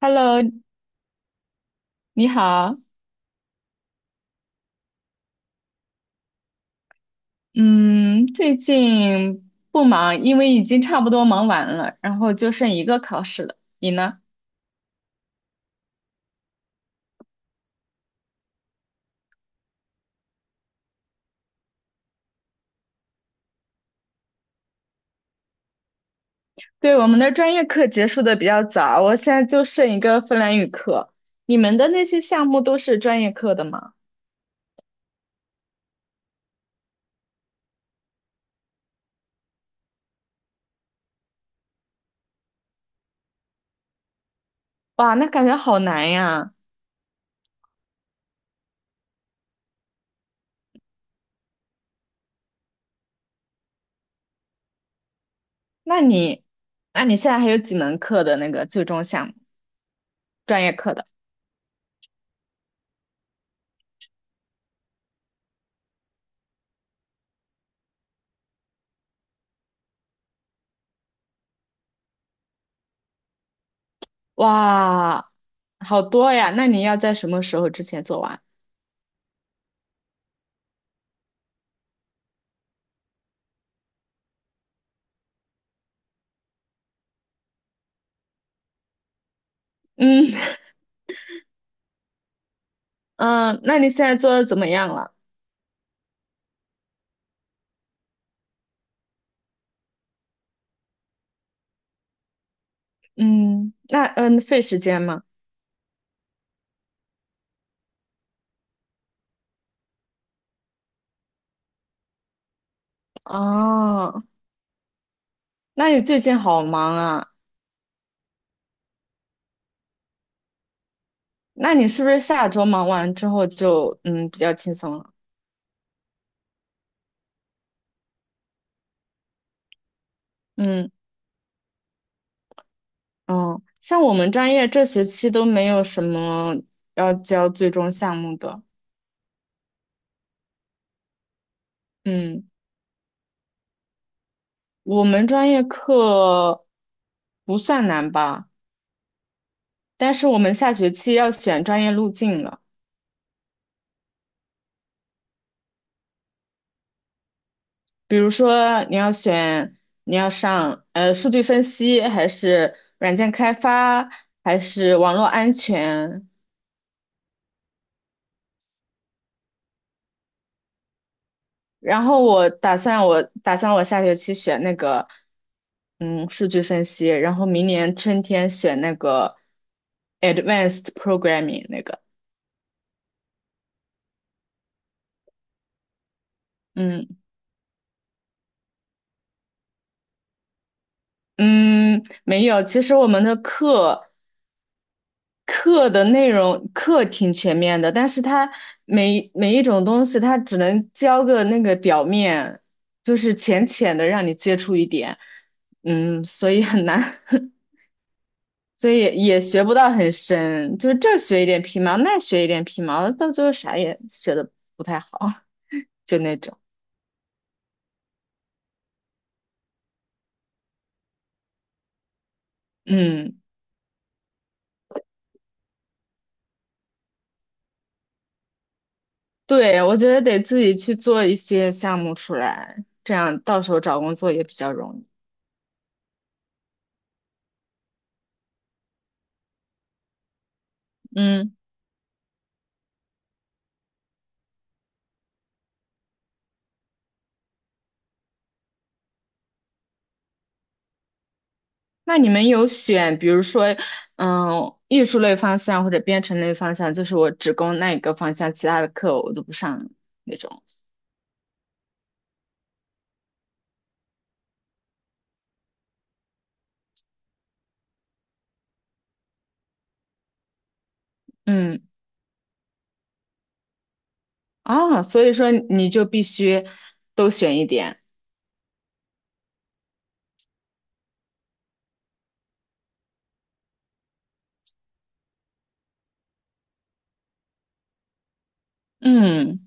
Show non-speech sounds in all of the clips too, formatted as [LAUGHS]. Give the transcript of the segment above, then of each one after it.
Hello，你好。嗯，最近不忙，因为已经差不多忙完了，然后就剩一个考试了。你呢？对，我们的专业课结束的比较早，我现在就剩一个芬兰语课。你们的那些项目都是专业课的吗？哇，那感觉好难呀。那你，那你现在还有几门课的那个最终项目，专业课的？哇，好多呀。那你要在什么时候之前做完？嗯 [LAUGHS] 嗯，那你现在做的怎么样了？嗯，那费时间吗？哦，那你最近好忙啊？那你是不是下周忙完之后就比较轻松了？嗯哦，像我们专业这学期都没有什么要交最终项目的。嗯，我们专业课不算难吧，但是我们下学期要选专业路径了。比如说你要上数据分析，还是软件开发，还是网络安全？然后我打算我打算我下学期选那个数据分析，然后明年春天选那个 advanced programming 那个。嗯嗯，没有。其实我们的课的内容挺全面的，但是它每一种东西，它只能教个那个表面，就是浅浅的让你接触一点，嗯，所以很难，[LAUGHS] 所以也学不到很深，就是这儿学一点皮毛，那儿学一点皮毛，到最后啥也学的不太好，[LAUGHS] 就那种，嗯，对，我觉得得自己去做一些项目出来，这样到时候找工作也比较容易，嗯。那你们有选，比如说，嗯，艺术类方向或者编程类方向，就是我只攻那一个方向，其他的课我都不上那种。嗯，啊，所以说你就必须都选一点。嗯，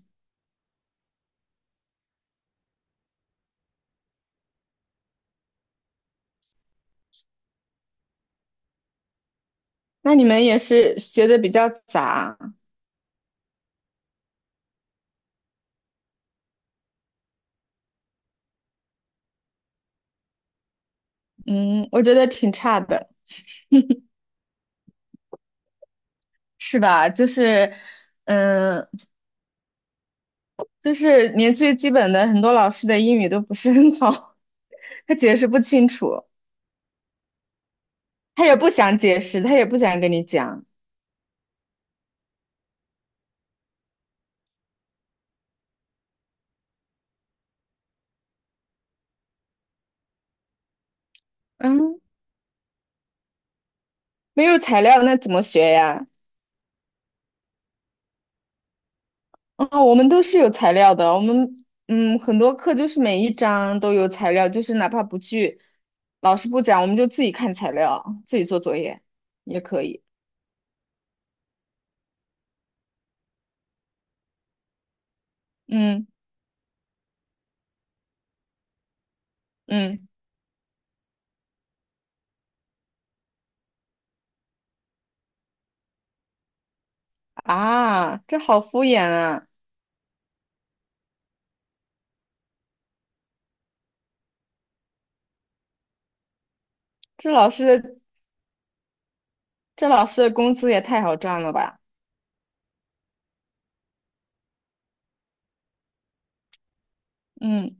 那你们也是学的比较杂。嗯，我觉得挺差的，是吧？就是，嗯，就是连最基本的很多老师的英语都不是很好，[LAUGHS] 他解释不清楚，他也不想解释，他也不想跟你讲。嗯。没有材料那怎么学呀？啊、我们都是有材料的，我们很多课就是每一章都有材料，就是哪怕不去老师不讲，我们就自己看材料，自己做作业也可以。嗯嗯啊，这好敷衍啊！这老师的这老师的工资也太好赚了吧？嗯。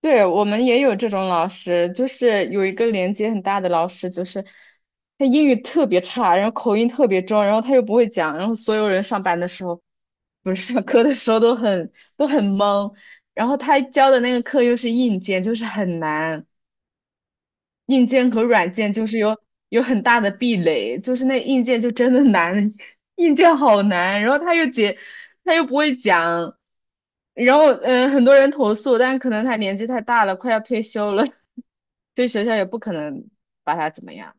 对，我们也有这种老师，就是有一个年纪很大的老师，就是他英语特别差，然后口音特别重，然后他又不会讲，然后所有人上班的时候，不是 [LAUGHS] 上课的时候都很懵，然后他教的那个课又是硬件，就是很难。硬件和软件就是有很大的壁垒，就是那硬件就真的难，[LAUGHS] 硬件好难，然后他又不会讲，然后很多人投诉，但是可能他年纪太大了，快要退休了，对学校也不可能把他怎么样，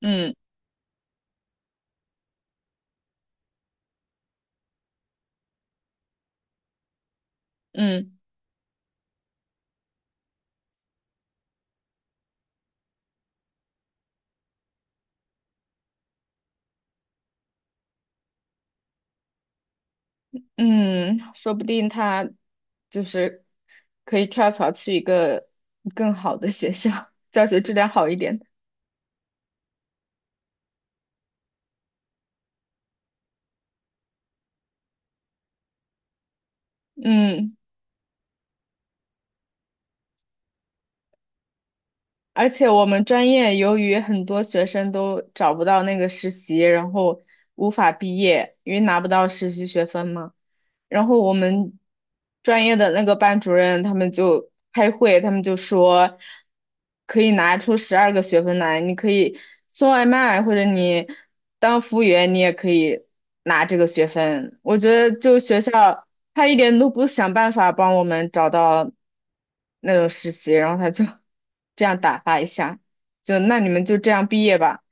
嗯嗯嗯，说不定他就是可以跳槽去一个更好的学校，教学质量好一点的嗯。而且我们专业由于很多学生都找不到那个实习，然后无法毕业，因为拿不到实习学分嘛。然后我们专业的那个班主任他们就开会，他们就说可以拿出12个学分来，你可以送外卖或者你当服务员，你也可以拿这个学分。我觉得就学校他一点都不想办法帮我们找到那种实习，然后他就 [LAUGHS] 这样打发一下，就那你们就这样毕业吧。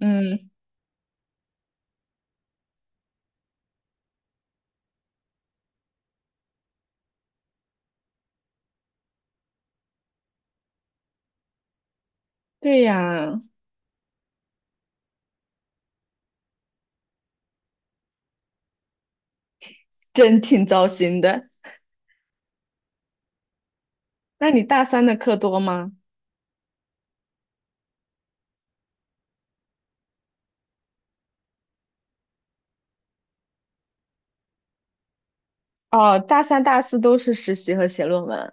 嗯，对呀，真挺糟心的。那你大三的课多吗？哦，大三、大四都是实习和写论文。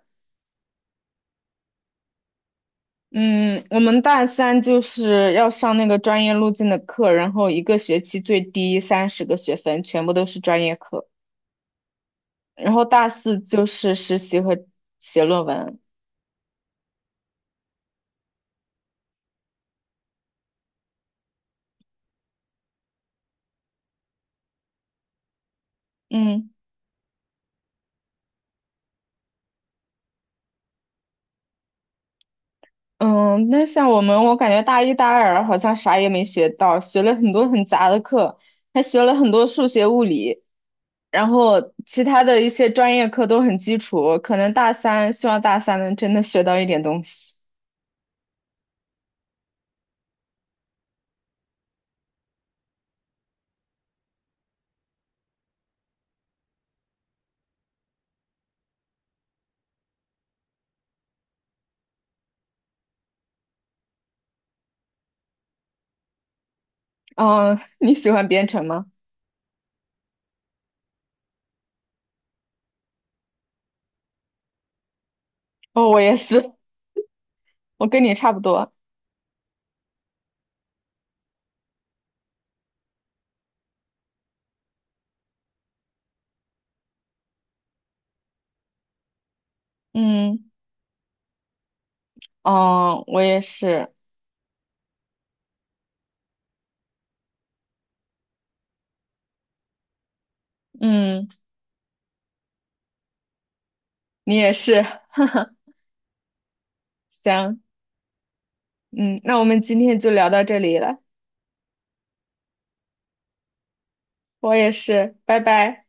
嗯，我们大三就是要上那个专业路径的课，然后一个学期最低30个学分，全部都是专业课。然后大四就是实习和写论文。嗯嗯，那像我们，我感觉大一、大二好像啥也没学到，学了很多很杂的课，还学了很多数学、物理，然后其他的一些专业课都很基础。可能大三，希望大三能真的学到一点东西。嗯，你喜欢编程吗？哦，我也是，我跟你差不多。嗯，哦，我也是。嗯，你也是。行，嗯，那我们今天就聊到这里了。我也是，拜拜。